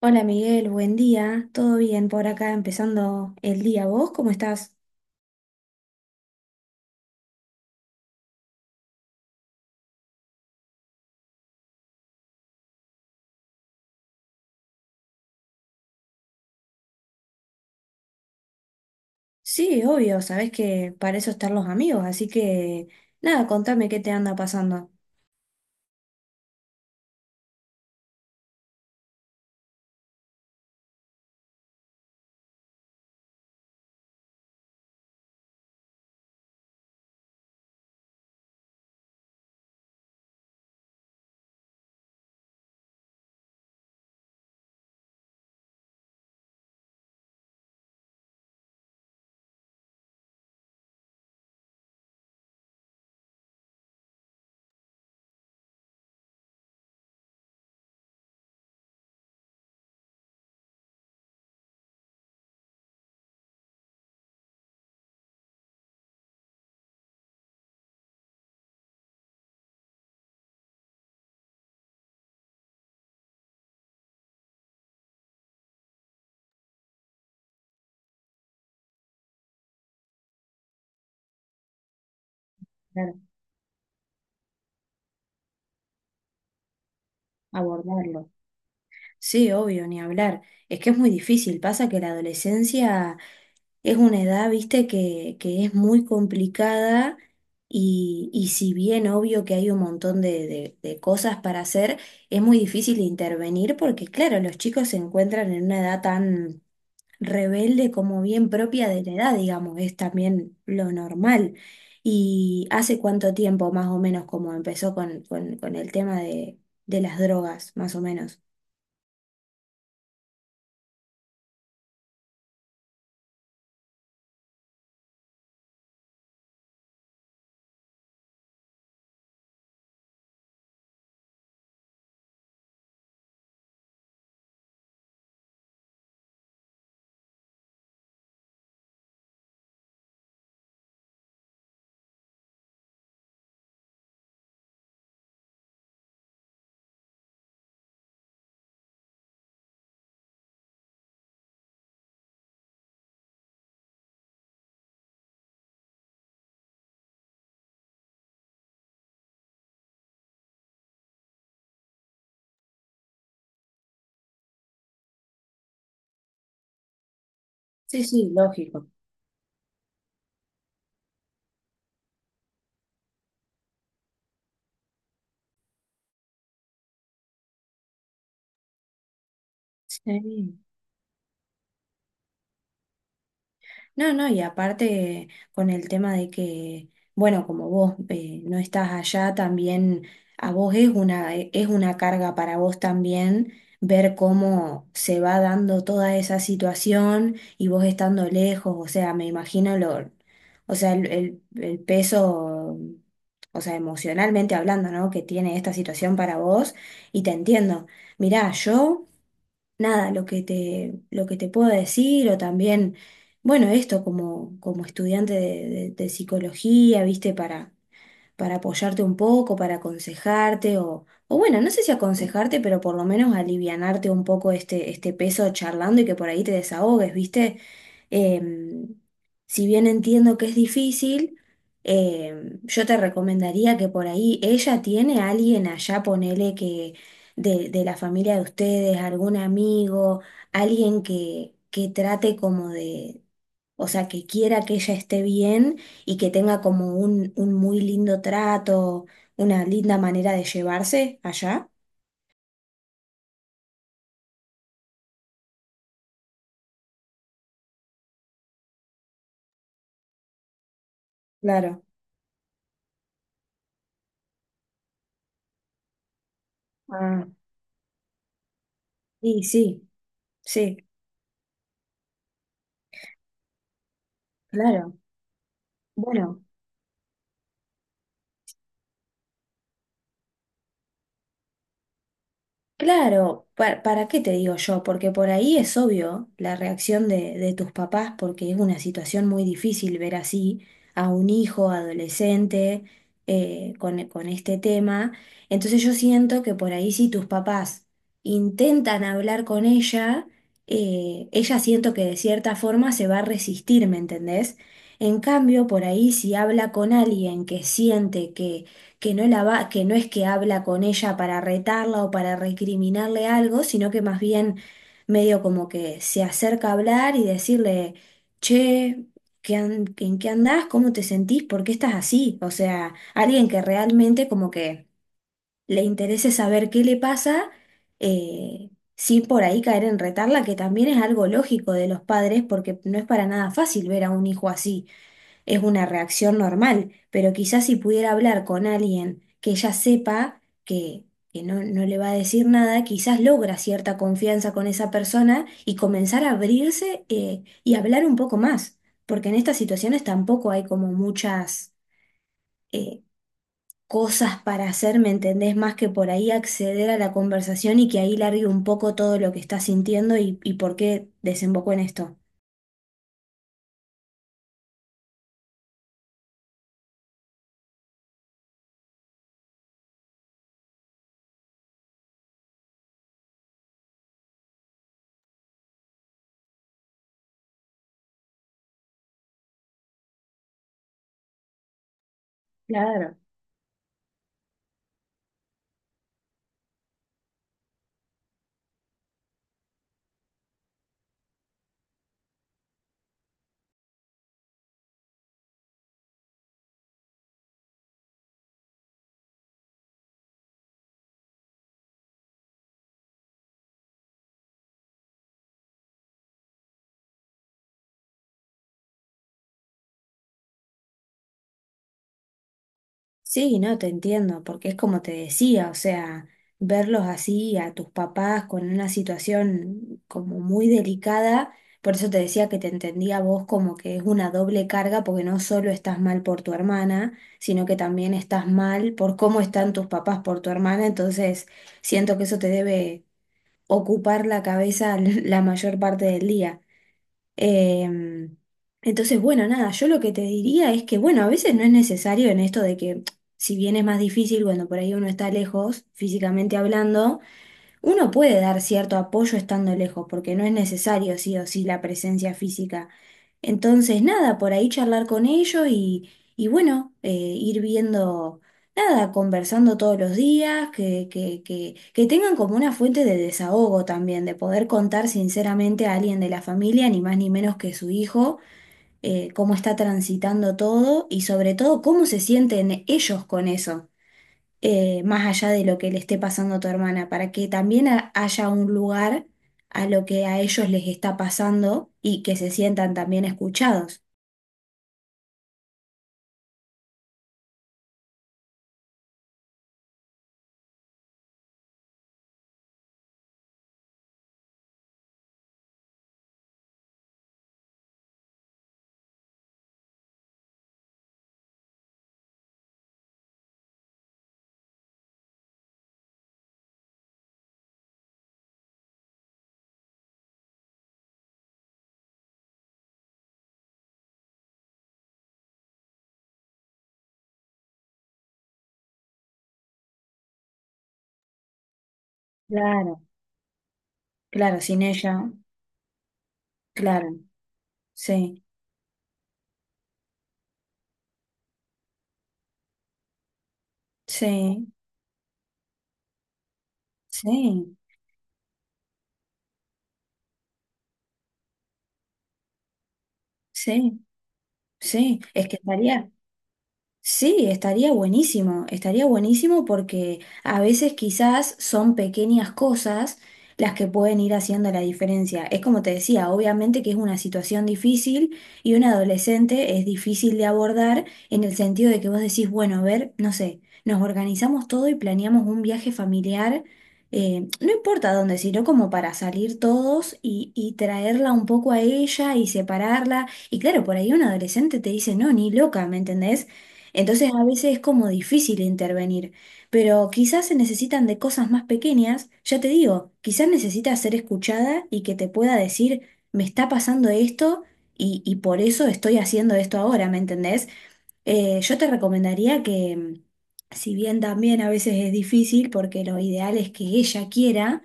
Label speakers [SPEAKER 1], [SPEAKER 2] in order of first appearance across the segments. [SPEAKER 1] Hola Miguel, buen día. ¿Todo bien por acá empezando el día? ¿Vos cómo estás? Sí, obvio, sabés que para eso están los amigos, así que nada, contame qué te anda pasando. Claro, abordarlo. Sí, obvio, ni hablar. Es que es muy difícil. Pasa que la adolescencia es una edad, viste, que es muy complicada y si bien obvio que hay un montón de, de cosas para hacer, es muy difícil intervenir porque, claro, los chicos se encuentran en una edad tan rebelde como bien propia de la edad, digamos, es también lo normal. ¿Y hace cuánto tiempo más o menos como empezó con el tema de las drogas, más o menos? Sí, sí, lógico. Sí. No, no, y aparte con el tema de que, bueno, como vos no estás allá, también a vos es una, es una carga para vos también ver cómo se va dando toda esa situación y vos estando lejos, o sea, me imagino lo, o sea, el, el peso, o sea, emocionalmente hablando, ¿no? Que tiene esta situación para vos y te entiendo. Mirá, yo nada, lo que te puedo decir, o también, bueno, esto como, como estudiante de, de psicología, viste, para apoyarte un poco, para aconsejarte, o bueno, no sé si aconsejarte, pero por lo menos alivianarte un poco este, este peso charlando y que por ahí te desahogues, viste. Em, si bien entiendo que es difícil, yo te recomendaría que por ahí ella tiene a alguien allá, ponele que de la familia de ustedes, algún amigo, alguien que trate como de, o sea, que quiera que ella esté bien y que tenga como un muy lindo trato, una linda manera de llevarse allá. Claro. Ah, sí, sí, sí, claro. Bueno. Claro, pa- ¿para, qué te digo yo? Porque por ahí es obvio la reacción de tus papás, porque es una situación muy difícil ver así a un hijo adolescente con este tema. Entonces yo siento que por ahí si tus papás intentan hablar con ella, ella siento que de cierta forma se va a resistir, ¿me entendés? En cambio, por ahí si habla con alguien que siente que no la va, que no es que habla con ella para retarla o para recriminarle algo, sino que más bien medio como que se acerca a hablar y decirle, che, ¿qué ¿en qué andás? ¿Cómo te sentís? ¿Por qué estás así? O sea, alguien que realmente como que le interese saber qué le pasa, eh, sin por ahí caer en retarla, que también es algo lógico de los padres, porque no es para nada fácil ver a un hijo así es una reacción normal, pero quizás si pudiera hablar con alguien que ya sepa que no, no le va a decir nada, quizás logra cierta confianza con esa persona y comenzar a abrirse y hablar un poco más, porque en estas situaciones tampoco hay como muchas eh, cosas para hacer, ¿me entendés? Más que por ahí acceder a la conversación y que ahí largue un poco todo lo que está sintiendo y por qué desembocó en esto. Claro. Sí, no, te entiendo, porque es como te decía, o sea, verlos así a tus papás con una situación como muy delicada, por eso te decía que te entendía a vos como que es una doble carga, porque no solo estás mal por tu hermana, sino que también estás mal por cómo están tus papás por tu hermana, entonces siento que eso te debe ocupar la cabeza la mayor parte del día. Em, entonces, bueno, nada, yo lo que te diría es que, bueno, a veces no es necesario en esto de que, si bien es más difícil cuando por ahí uno está lejos, físicamente hablando, uno puede dar cierto apoyo estando lejos, porque no es necesario sí o sí la presencia física. Entonces, nada, por ahí charlar con ellos y bueno, ir viendo, nada, conversando todos los días, que tengan como una fuente de desahogo también, de poder contar sinceramente a alguien de la familia, ni más ni menos que su hijo, cómo está transitando todo y sobre todo cómo se sienten ellos con eso, más allá de lo que le esté pasando a tu hermana, para que también haya un lugar a lo que a ellos les está pasando y que se sientan también escuchados. Claro, claro, sin ella, claro, sí, sí, sí, sí, sí. Es que estaría, sí, estaría buenísimo porque a veces quizás son pequeñas cosas las que pueden ir haciendo la diferencia. Es como te decía, obviamente que es una situación difícil y un adolescente es difícil de abordar en el sentido de que vos decís, bueno, a ver, no sé, nos organizamos todo y planeamos un viaje familiar, no importa dónde, sino como para salir todos y traerla un poco a ella y separarla. Y claro, por ahí un adolescente te dice, no, ni loca, ¿me entendés? Entonces a veces es como difícil intervenir, pero quizás se necesitan de cosas más pequeñas, ya te digo, quizás necesitas ser escuchada y que te pueda decir, me está pasando esto y por eso estoy haciendo esto ahora, ¿me entendés? Yo te recomendaría que, mm, si bien también a veces es difícil, porque lo ideal es que ella quiera,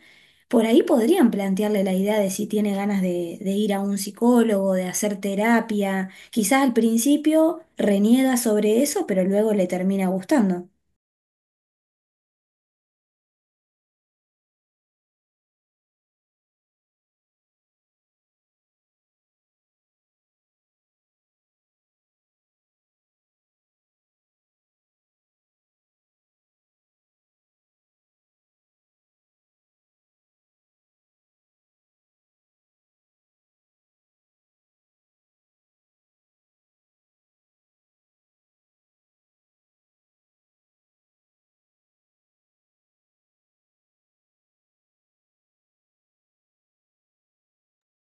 [SPEAKER 1] por ahí podrían plantearle la idea de si tiene ganas de ir a un psicólogo, de hacer terapia. Quizás al principio reniega sobre eso, pero luego le termina gustando.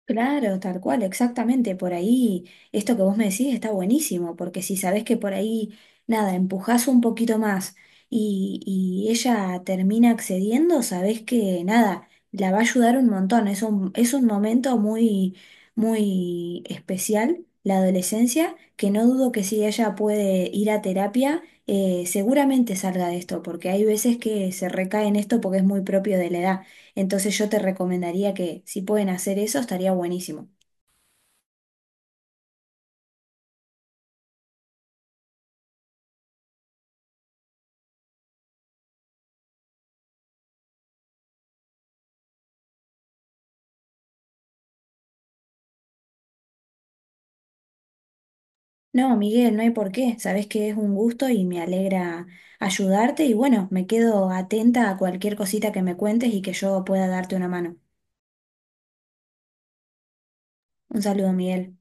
[SPEAKER 1] Claro, tal cual, exactamente. Por ahí, esto que vos me decís está buenísimo, porque si sabés que por ahí, nada, empujás un poquito más y ella termina accediendo, sabés que nada, la va a ayudar un montón. Es un momento muy, muy especial, la adolescencia, que no dudo que si ella puede ir a terapia, seguramente salga de esto, porque hay veces que se recae en esto porque es muy propio de la edad. Entonces yo te recomendaría que si pueden hacer eso, estaría buenísimo. No, Miguel, no hay por qué. Sabés que es un gusto y me alegra ayudarte y bueno, me quedo atenta a cualquier cosita que me cuentes y que yo pueda darte una mano. Un saludo, Miguel.